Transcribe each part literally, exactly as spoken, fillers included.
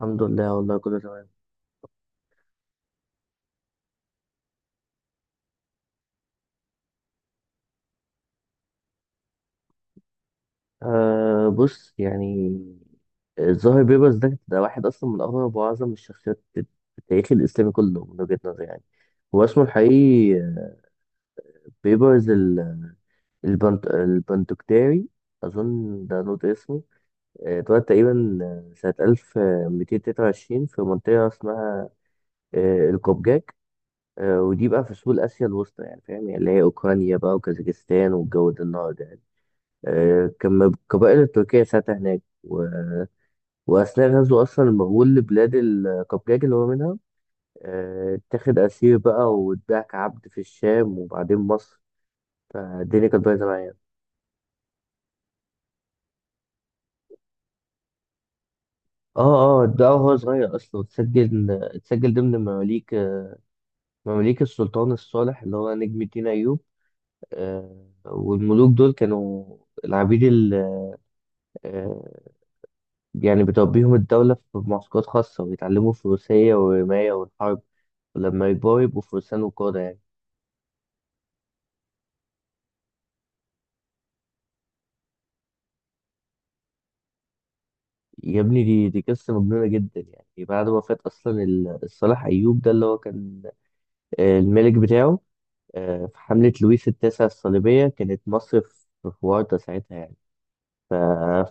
الحمد لله والله كله تمام. أه بص يعني الظاهر بيبرس ده ده واحد اصلا من اغرب واعظم الشخصيات في التاريخ الاسلامي كله من وجهة نظري يعني. هو اسمه الحقيقي بيبرس ال- البنت البندكتاري، اظن ده نوت اسمه. آه، اتولد تقريبا آه، سنة ألف ومئتين وتلاتة وعشرين في منطقة اسمها آه، القبجاك. آه، ودي بقى في سهول اسيا الوسطى يعني، فاهم؟ يعني اللي هي اوكرانيا بقى وكازاخستان والجو ده النهارده. آه، كان القبائل التركية ساعتها هناك و... وأثناء غزو أصلا المغول لبلاد القبجاج اللي هو منها. آه، اتاخد أسير بقى واتباع كعبد في الشام وبعدين مصر، فالدنيا كانت بايظة معايا. اه اه اتباعه وهو صغير أصلا، اتسجل اتسجل ضمن مماليك مماليك السلطان الصالح اللي هو نجم الدين أيوب. آه، والملوك دول كانوا العبيد يعني، بتربيهم الدولة في معسكرات خاصة ويتعلموا فروسية والرماية والحرب، ولما يكبروا يبقوا فرسان وقادة يعني. يا ابني دي دي قصة مجنونة جدا. يعني بعد وفاة أصلا ال- الصالح أيوب ده اللي هو كان آه، الملك بتاعه آه، في حملة لويس التاسع الصليبية، كانت مصر في في ورطة ساعتها يعني. ف-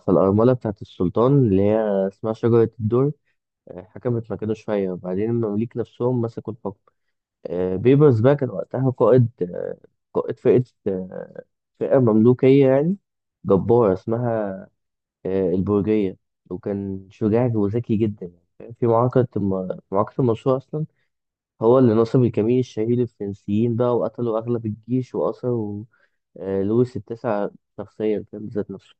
فالأرملة بتاعت السلطان اللي هي اسمها شجرة الدر آه، حكمت مكانه شوية، وبعدين المماليك نفسهم مسكوا الحكم. آه، بيبرز بقى كان وقتها قائد، آه، قائد فئة آه، فئة مملوكية يعني جبارة اسمها آه، البرجية، وكان شجاع وذكي جدا يعني، فاهم؟ في معركة الم- في معركة المنصورة أصلا هو اللي نصب الكمين الشهير للفرنسيين بقى، وقتلوا أغلب الجيش وأسروا آه، لويس التاسع شخصيا، فاهم بذات نفسه.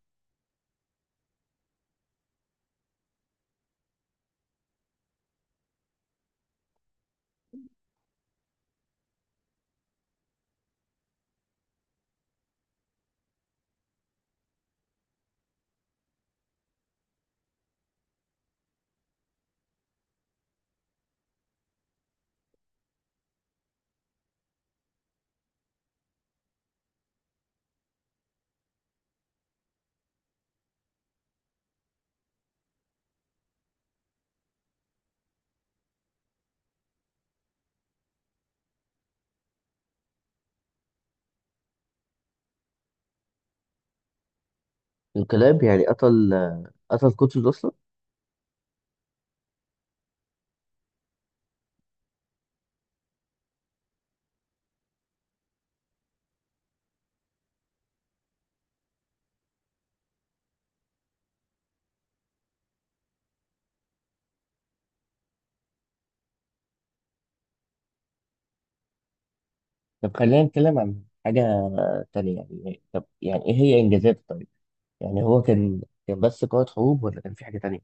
الكلاب، يعني قتل آه، قتل قطز أصلا. طب خلينا نتكلم عن حاجة تانية. يعني طب يعني إيه هي إنجازاته طيب؟ يعني هو كان كان بس قائد حروب ولا كان في حاجة تانية؟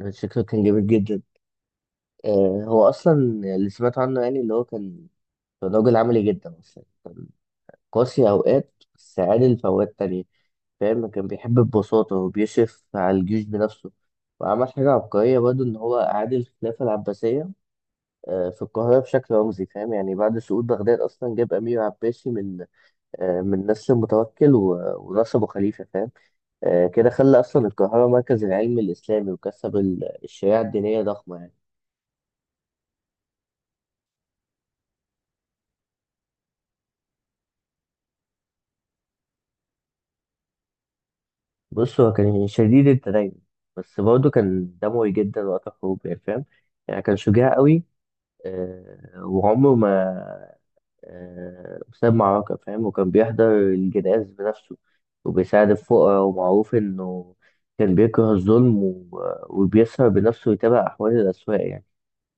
أنا شكله كان جامد جدا. آه، هو أصلا اللي سمعت عنه يعني اللي هو كان كان راجل عملي جدا أصلا، كان قاسي أوقات بس عادل في أوقات تانية، فاهم؟ كان بيحب البساطة وبيشرف على الجيوش بنفسه، وعمل حاجة عبقرية برضه، إن هو أعاد الخلافة العباسية آه في القاهرة بشكل رمزي، فاهم يعني؟ بعد سقوط بغداد أصلا جاب أمير عباسي من آه، من نسل متوكل و- ونصبه خليفة، فاهم؟ آه، كده خلى أصلا القاهرة مركز العلم الإسلامي، وكسب ال- الشريعة الدينية ضخمة يعني. بص هو كان شديد التدين، بس برضه كان دموي جدا وقت الحروب يعني، فاهم؟ يعني كان شجاع قوي، آه، وعمره ما آه، ساب معركة، فاهم؟ وكان بيحضر الجنائز بنفسه وبيساعد الفقراء، ومعروف إنه كان بيكره الظلم و- وبيسهر بنفسه ويتابع أحوال الأسواق يعني،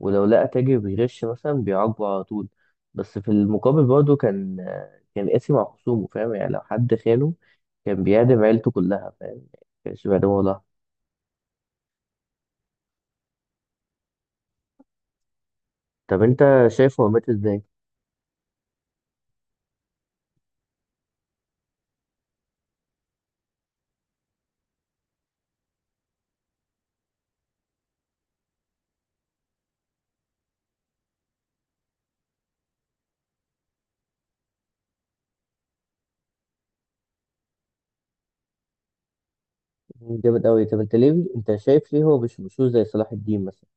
ولو لقى تاجر بيغش مثلا بيعاقبه على طول. بس في المقابل برضه كان كان قاسي مع خصومه، فاهم؟ يعني لو حد خانه كان بيعدم عيلته كلها، فاهم؟ ما كانش بيعدمه والله. طب انت شايف هو مات ازاي؟ مم، جامد قوي. طب انت ليه، انت شايف ليه هو مش مشهور زي صلاح الدين مثلا؟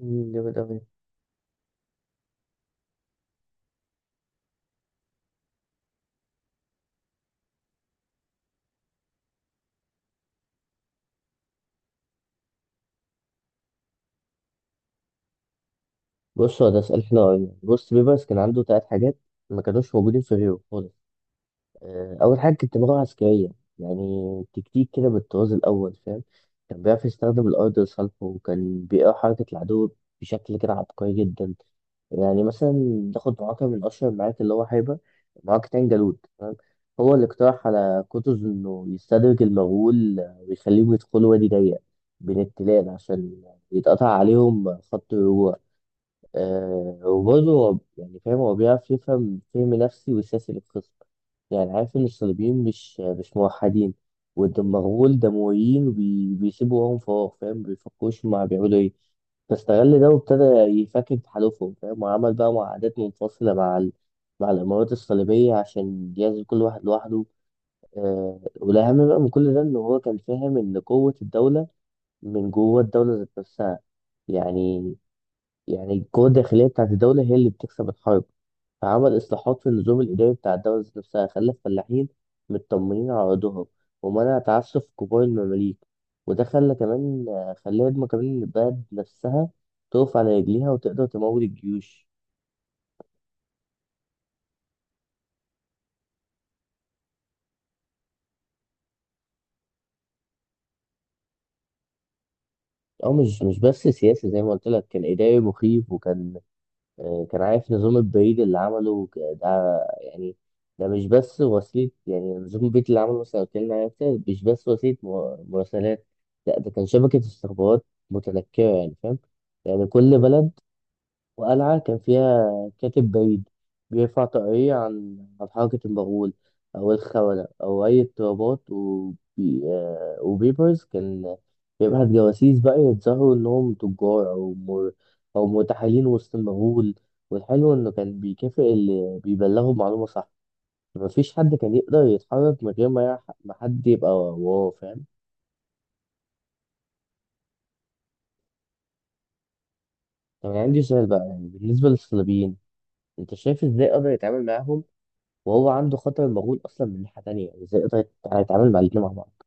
مم، جامد قوي. بص هو ده سؤال حلو قوي. بص بيبرس كان عنده تلات حاجات ما كانوش موجودين في غيره خالص. آه، اول حاجه كنت بلغه عسكريه، يعني تكتيك كده بالطراز الاول، فاهم؟ كان بيعرف يستخدم الارض لصالحه، وكان بيقرا حركه العدو بشكل كده عبقري جدا. يعني مثلا ناخد معركه من اشهر المعارك اللي هو حاربها، معركه عين جالوت، فاهم؟ هو اللي اقترح على قطز انه يستدرج المغول ويخليهم يدخلوا وادي ضيق بين التلال عشان يتقطع عليهم خط الرجوع. آه، وبرضه هو يعني، فاهم؟ هو بيعرف يفهم فهم نفسي وسياسي للخصم، يعني عارف إن الصليبيين مش مش موحدين والمغول دمويين وبيسيبوا وراهم فراغ، فاهم؟ بيفكروش هما بيعملوا إيه، فاستغل ده وابتدى يفكك تحالفهم، فاهم؟ وعمل بقى معاهدات منفصلة مع ال... مع الإمارات الصليبية عشان يعزل كل واحد لوحده. آه، والأهم بقى من كل ده إن هو كان فاهم إن قوة الدولة من جوه الدولة ذات نفسها، يعني يعني القوة الداخلية بتاعت الدولة هي اللي بتكسب الحرب. فعمل إصلاحات في النظام الإداري بتاع الدولة ذات نفسها، خلى الفلاحين مطمنين على أرضهم، ومنع تعسف كبار المماليك، وده خلى كمان خلى ما كمان البلد نفسها تقف على رجليها وتقدر تمول الجيوش. أو مش مش بس سياسي زي ما قلت لك، كان إداري مخيف، وكان آه، كان عارف نظام البريد اللي عمله ك- ده يعني. ده مش بس وسيلة، يعني نظام البريد اللي عمله مثلا اتكلمنا عليه أكتر، مش بس وسيلة مو- مراسلات، لا ده كان شبكة استخبارات متنكرة يعني، فاهم؟ يعني كل بلد وقلعة كان فيها كاتب بعيد بيرفع طاقية عن عن حركة المغول أو الخونة أو أي اضطرابات، وبي... آه، وبيبرز كان بيبعت جواسيس بقى يتظاهروا إنهم تجار أو مر... أو مرتحلين وسط المغول. والحلو إنه كان بيكافئ اللي بيبلغوا بمعلومة صح، مفيش حد كان يقدر يتحرك من غير ما يح- ما حد يبقى وراه، فاهم؟ طب أنا عندي سؤال بقى، يعني بالنسبة للصليبيين أنت شايف إزاي قدر يتعامل معاهم وهو عنده خطر المغول اصلا من ناحيه تانية؟ يعني ازاي يقدر يت- يتعامل مع الاتنين مع بعض؟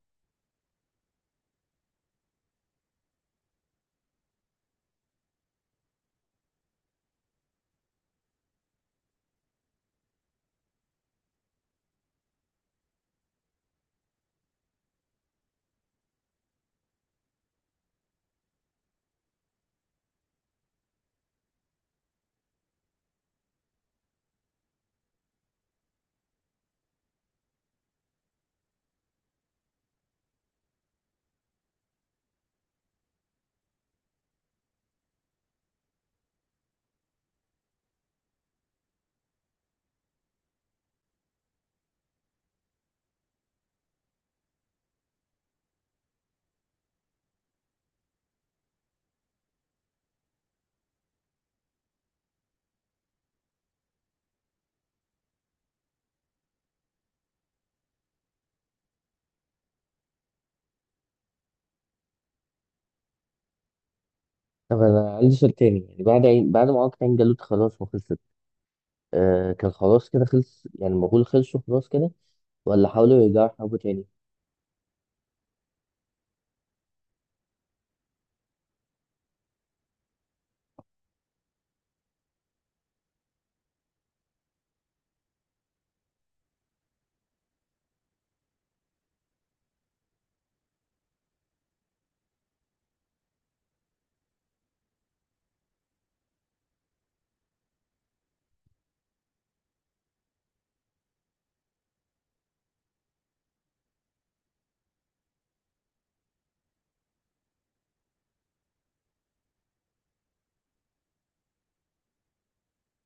طب انا عندي سؤال تاني، يعني بعد عين- بعد ما عقد عين جالوت خلاص وخلصت، آه كان خلاص كده خلص يعني المغول، خلصوا خلاص كده ولا حاولوا يرجعوا يحاربوا تاني؟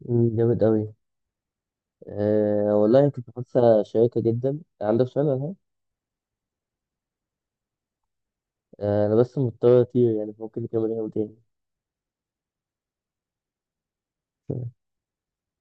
مم، جامد قوي. آه والله كنت حاسه شيقه جدا. عندك سؤال ولا حاجة؟ آه انا بس مضطر اطير يعني، فممكن نكمل يوم تاني.